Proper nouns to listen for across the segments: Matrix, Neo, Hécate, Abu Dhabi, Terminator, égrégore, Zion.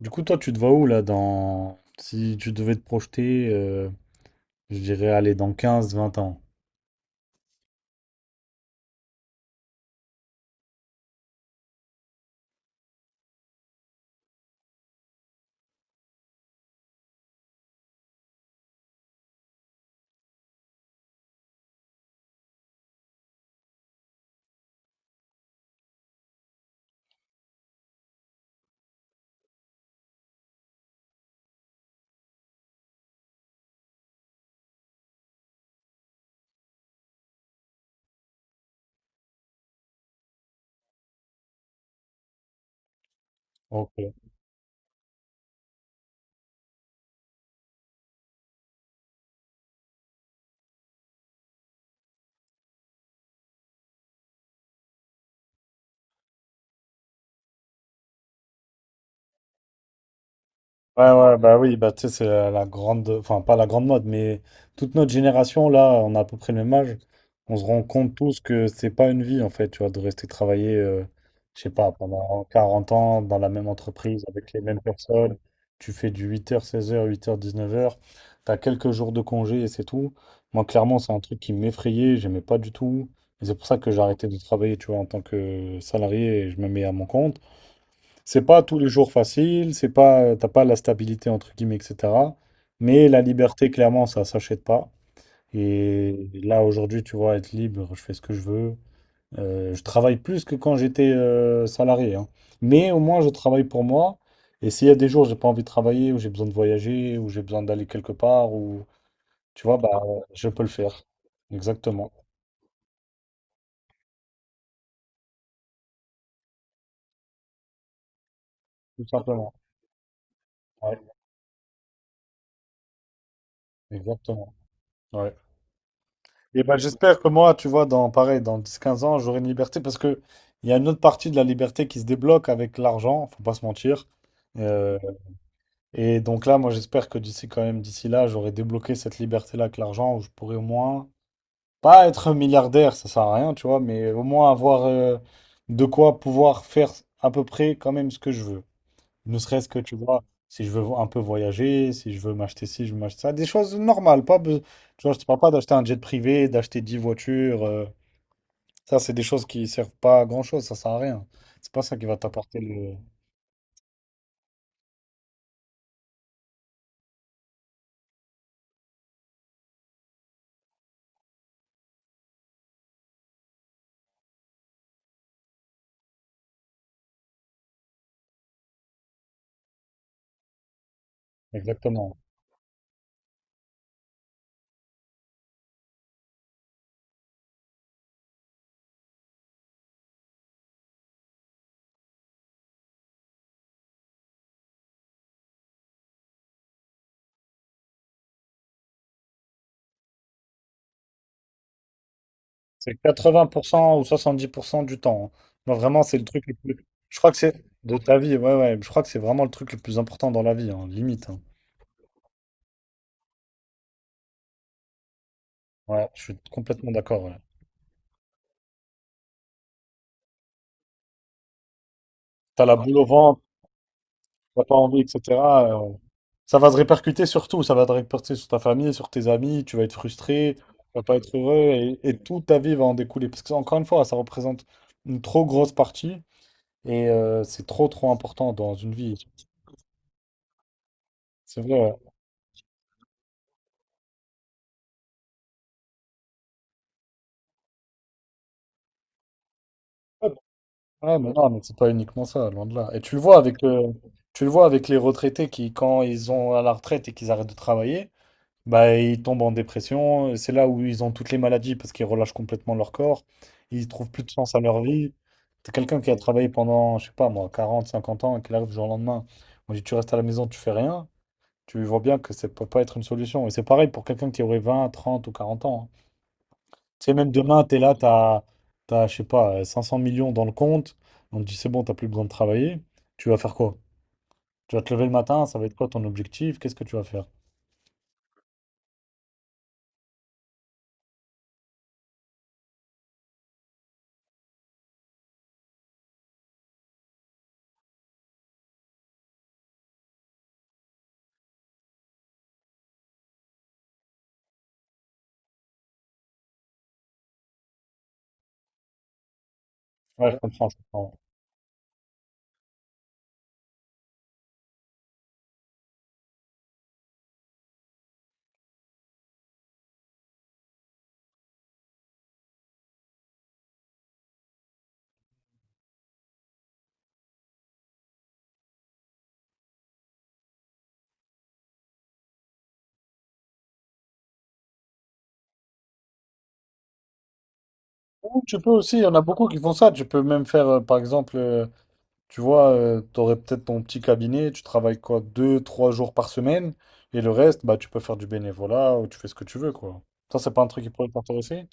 Du coup, toi, tu te vois où là dans... Si tu devais te projeter, je dirais aller dans 15, 20 ans. Ok. Ouais, ouais, bah oui, bah tu sais, c'est la grande, enfin pas la grande mode, mais toute notre génération, là, on a à peu près le même âge, on se rend compte tous que c'est pas une vie, en fait, tu vois, de rester travailler, je sais pas, pendant 40 ans dans la même entreprise, avec les mêmes personnes, tu fais du 8h-16h, 8h-19h, t'as quelques jours de congé et c'est tout. Moi, clairement, c'est un truc qui m'effrayait, j'aimais pas du tout, et c'est pour ça que j'ai arrêté de travailler, tu vois, en tant que salarié, et je me mets à mon compte. C'est pas tous les jours facile, c'est pas, t'as pas la stabilité entre guillemets, etc. Mais la liberté, clairement, ça s'achète pas. Et là, aujourd'hui, tu vois, être libre, je fais ce que je veux. Je travaille plus que quand j'étais salarié, hein. Mais au moins, je travaille pour moi. Et s'il y a des jours où j'ai pas envie de travailler, où j'ai besoin de voyager, où j'ai besoin d'aller quelque part, ou tu vois, bah, je peux le faire. Exactement. Tout simplement. Ouais, exactement. Ouais. Et ben, j'espère que moi, tu vois, dans pareil, dans 10-15 ans, j'aurai une liberté parce que il y a une autre partie de la liberté qui se débloque avec l'argent, faut pas se mentir. Euh, et donc là, moi, j'espère que d'ici quand même, d'ici là, j'aurai débloqué cette liberté-là avec l'argent où je pourrai au moins pas être milliardaire, ça sert à rien, tu vois, mais au moins avoir de quoi pouvoir faire à peu près quand même ce que je veux. Ne serait-ce que, tu vois, si je veux un peu voyager, si je veux m'acheter ci, je veux m'acheter ça, des choses normales, pas, tu vois, je te parle pas d'acheter un jet privé, d'acheter 10 voitures. Ça, c'est des choses qui servent pas à grand-chose, ça sert à rien. C'est pas ça qui va t'apporter le... Exactement. C'est 80% ou 70% du temps, hein. Non, vraiment, c'est le truc le plus... Je crois que c'est... De ta vie, ouais, ouais. Je crois que c'est vraiment le truc le plus important dans la vie, hein, limite, hein. Ouais, je suis complètement d'accord, ouais. T'as la boule au ventre, t'as pas envie, etc. euh, Ça va se répercuter sur tout. Ça va te répercuter sur ta famille, sur tes amis. Tu vas être frustré, tu vas pas être heureux, et toute ta vie va en découler. Parce que, encore une fois, ça représente une trop grosse partie. Et c'est trop trop important dans une vie. C'est vrai. Ouais, mais ouais, mais non, mais c'est pas uniquement ça, loin de là. Et tu le vois avec les retraités qui, quand ils ont à la retraite et qu'ils arrêtent de travailler, bah ils tombent en dépression. C'est là où ils ont toutes les maladies parce qu'ils relâchent complètement leur corps. Ils trouvent plus de sens à leur vie. T'as quelqu'un qui a travaillé pendant, je sais pas moi, 40, 50 ans et qui arrive du jour au lendemain. On dit tu restes à la maison, tu fais rien. Tu vois bien que ça peut pas être une solution. Et c'est pareil pour quelqu'un qui aurait 20, 30 ou 40 ans, hein. Tu sais, même demain, t'es là, t'as, je sais pas, 500 millions dans le compte. On te dit, c'est bon, t'as plus besoin de travailler. Tu vas faire quoi? Tu vas te lever le matin, ça va être quoi ton objectif? Qu'est-ce que tu vas faire? Ouais, je comprends, je comprends. Ou tu peux aussi, il y en a beaucoup qui font ça. Tu peux même faire, par exemple, tu vois, tu aurais peut-être ton petit cabinet, tu travailles quoi, 2, 3 jours par semaine, et le reste, bah, tu peux faire du bénévolat ou tu fais ce que tu veux, quoi. Ça, c'est pas un truc qui pourrait t'intéresser?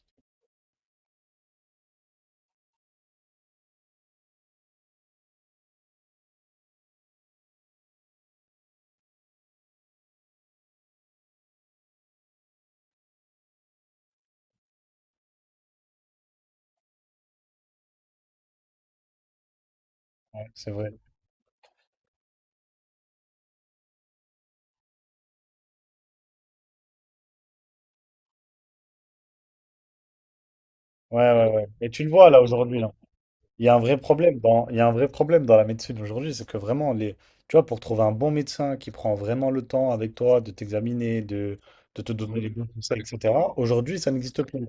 Ouais, c'est vrai. Ouais, ouais, ouais. Et tu le vois là aujourd'hui, là. Il y a un vrai problème dans, il y a un vrai problème dans la médecine aujourd'hui, c'est que vraiment, les, tu vois, pour trouver un bon médecin qui prend vraiment le temps avec toi de t'examiner, de te donner les bons conseils, etc., aujourd'hui, ça n'existe plus.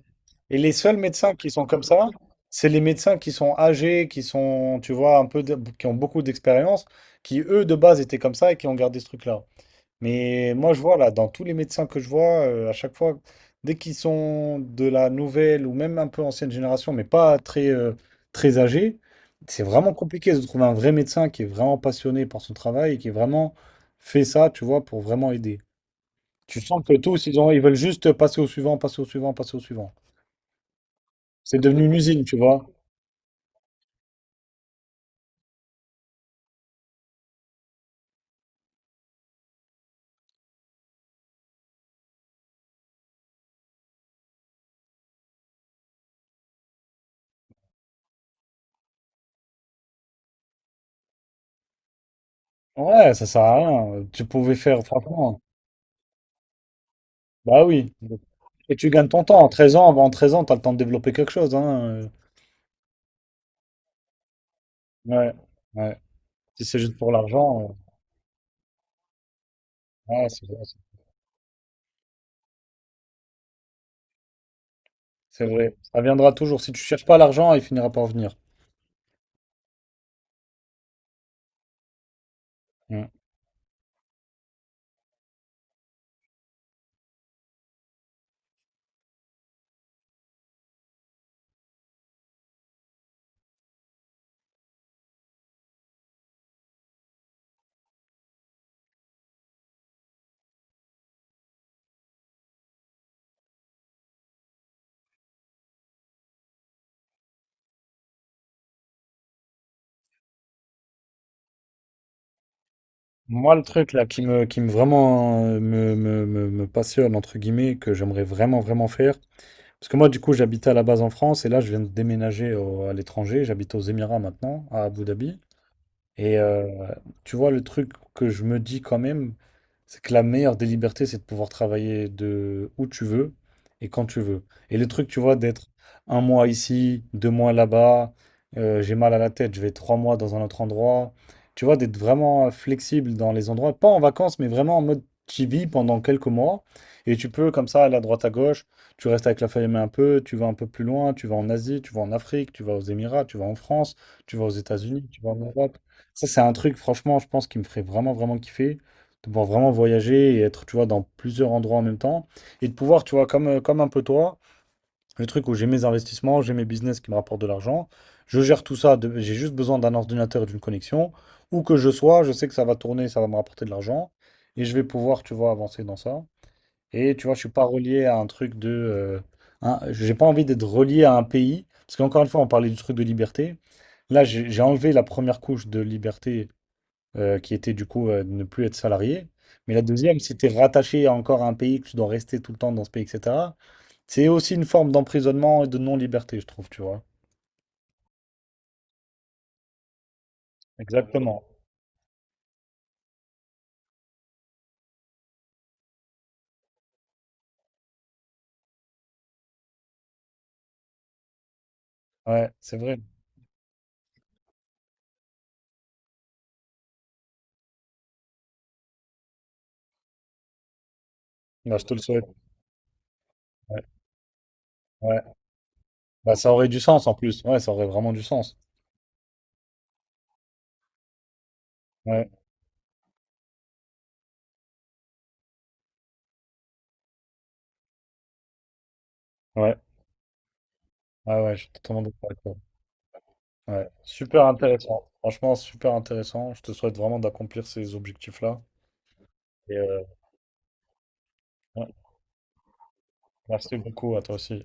Et les seuls médecins qui sont comme ça, c'est les médecins qui sont âgés, qui sont, tu vois, un peu, qui ont beaucoup d'expérience, qui, eux, de base, étaient comme ça et qui ont gardé ce truc-là. Mais moi, je vois là, dans tous les médecins que je vois, à chaque fois, dès qu'ils sont de la nouvelle ou même un peu ancienne génération, mais pas très, très âgés, c'est vraiment compliqué de trouver un vrai médecin qui est vraiment passionné par son travail et qui est vraiment fait ça, tu vois, pour vraiment aider. Tu sens que tous, ils veulent juste passer au suivant, passer au suivant, passer au suivant. C'est devenu une usine, tu vois. Ouais, ça sert à rien. Tu pouvais faire, franchement. Bah oui. Et tu gagnes ton temps. Avant 13 ans, t'as le temps de développer quelque chose, hein. Ouais, ouais. Si c'est juste pour l'argent, ouais, c'est vrai. C'est vrai. Ça viendra toujours. Si tu cherches pas l'argent, il finira par venir. Mm. Moi, le truc là qui me vraiment me, me- me- me passionne, entre guillemets, que j'aimerais vraiment, vraiment faire. Parce que moi, du coup, j'habitais à la base en France et là, je viens de déménager à l'étranger. J'habite aux Émirats maintenant, à Abu Dhabi. Et tu vois, le truc que je me dis quand même, c'est que la meilleure des libertés, c'est de pouvoir travailler de où tu veux et quand tu veux. Et le truc, tu vois, d'être un mois ici, 2 mois là-bas, j'ai mal à la tête, je vais 3 mois dans un autre endroit. Tu vois, d'être vraiment flexible dans les endroits, pas en vacances, mais vraiment en mode tu vis pendant quelques mois. Et tu peux, comme ça, aller à droite à gauche, tu restes avec la famille un peu, tu vas un peu plus loin, tu vas en Asie, tu vas en Afrique, tu vas aux Émirats, tu vas en France, tu vas aux États-Unis, tu vas en Europe. Ça, c'est un truc, franchement, je pense qui me ferait vraiment, vraiment kiffer, de pouvoir vraiment voyager et être, tu vois, dans plusieurs endroits en même temps. Et de pouvoir, tu vois, comme un peu toi, le truc où j'ai mes investissements, j'ai mes business qui me rapportent de l'argent, je gère tout ça, j'ai juste besoin d'un ordinateur et d'une connexion. Où que je sois, je sais que ça va tourner, ça va me rapporter de l'argent. Et je vais pouvoir, tu vois, avancer dans ça. Et tu vois, je suis pas relié à un truc de... J'ai pas envie d'être relié à un pays. Parce qu'encore une fois, on parlait du truc de liberté. Là, j'ai enlevé la première couche de liberté qui était du coup de ne plus être salarié. Mais la deuxième, si tu es rattaché à encore à un pays, que tu dois rester tout le temps dans ce pays, etc., c'est aussi une forme d'emprisonnement et de non-liberté, je trouve, tu vois. Exactement. Ouais, c'est vrai. Bah, je te le souhaite. Ouais, ouais. Bah, ça aurait du sens en plus. Ouais, ça aurait vraiment du sens. Ouais, ouais, ouais, ouais, je suis totalement d'accord avec toi. Ouais. Super intéressant. Franchement, super intéressant. Je te souhaite vraiment d'accomplir ces objectifs-là. Et ouais, merci beaucoup à toi aussi.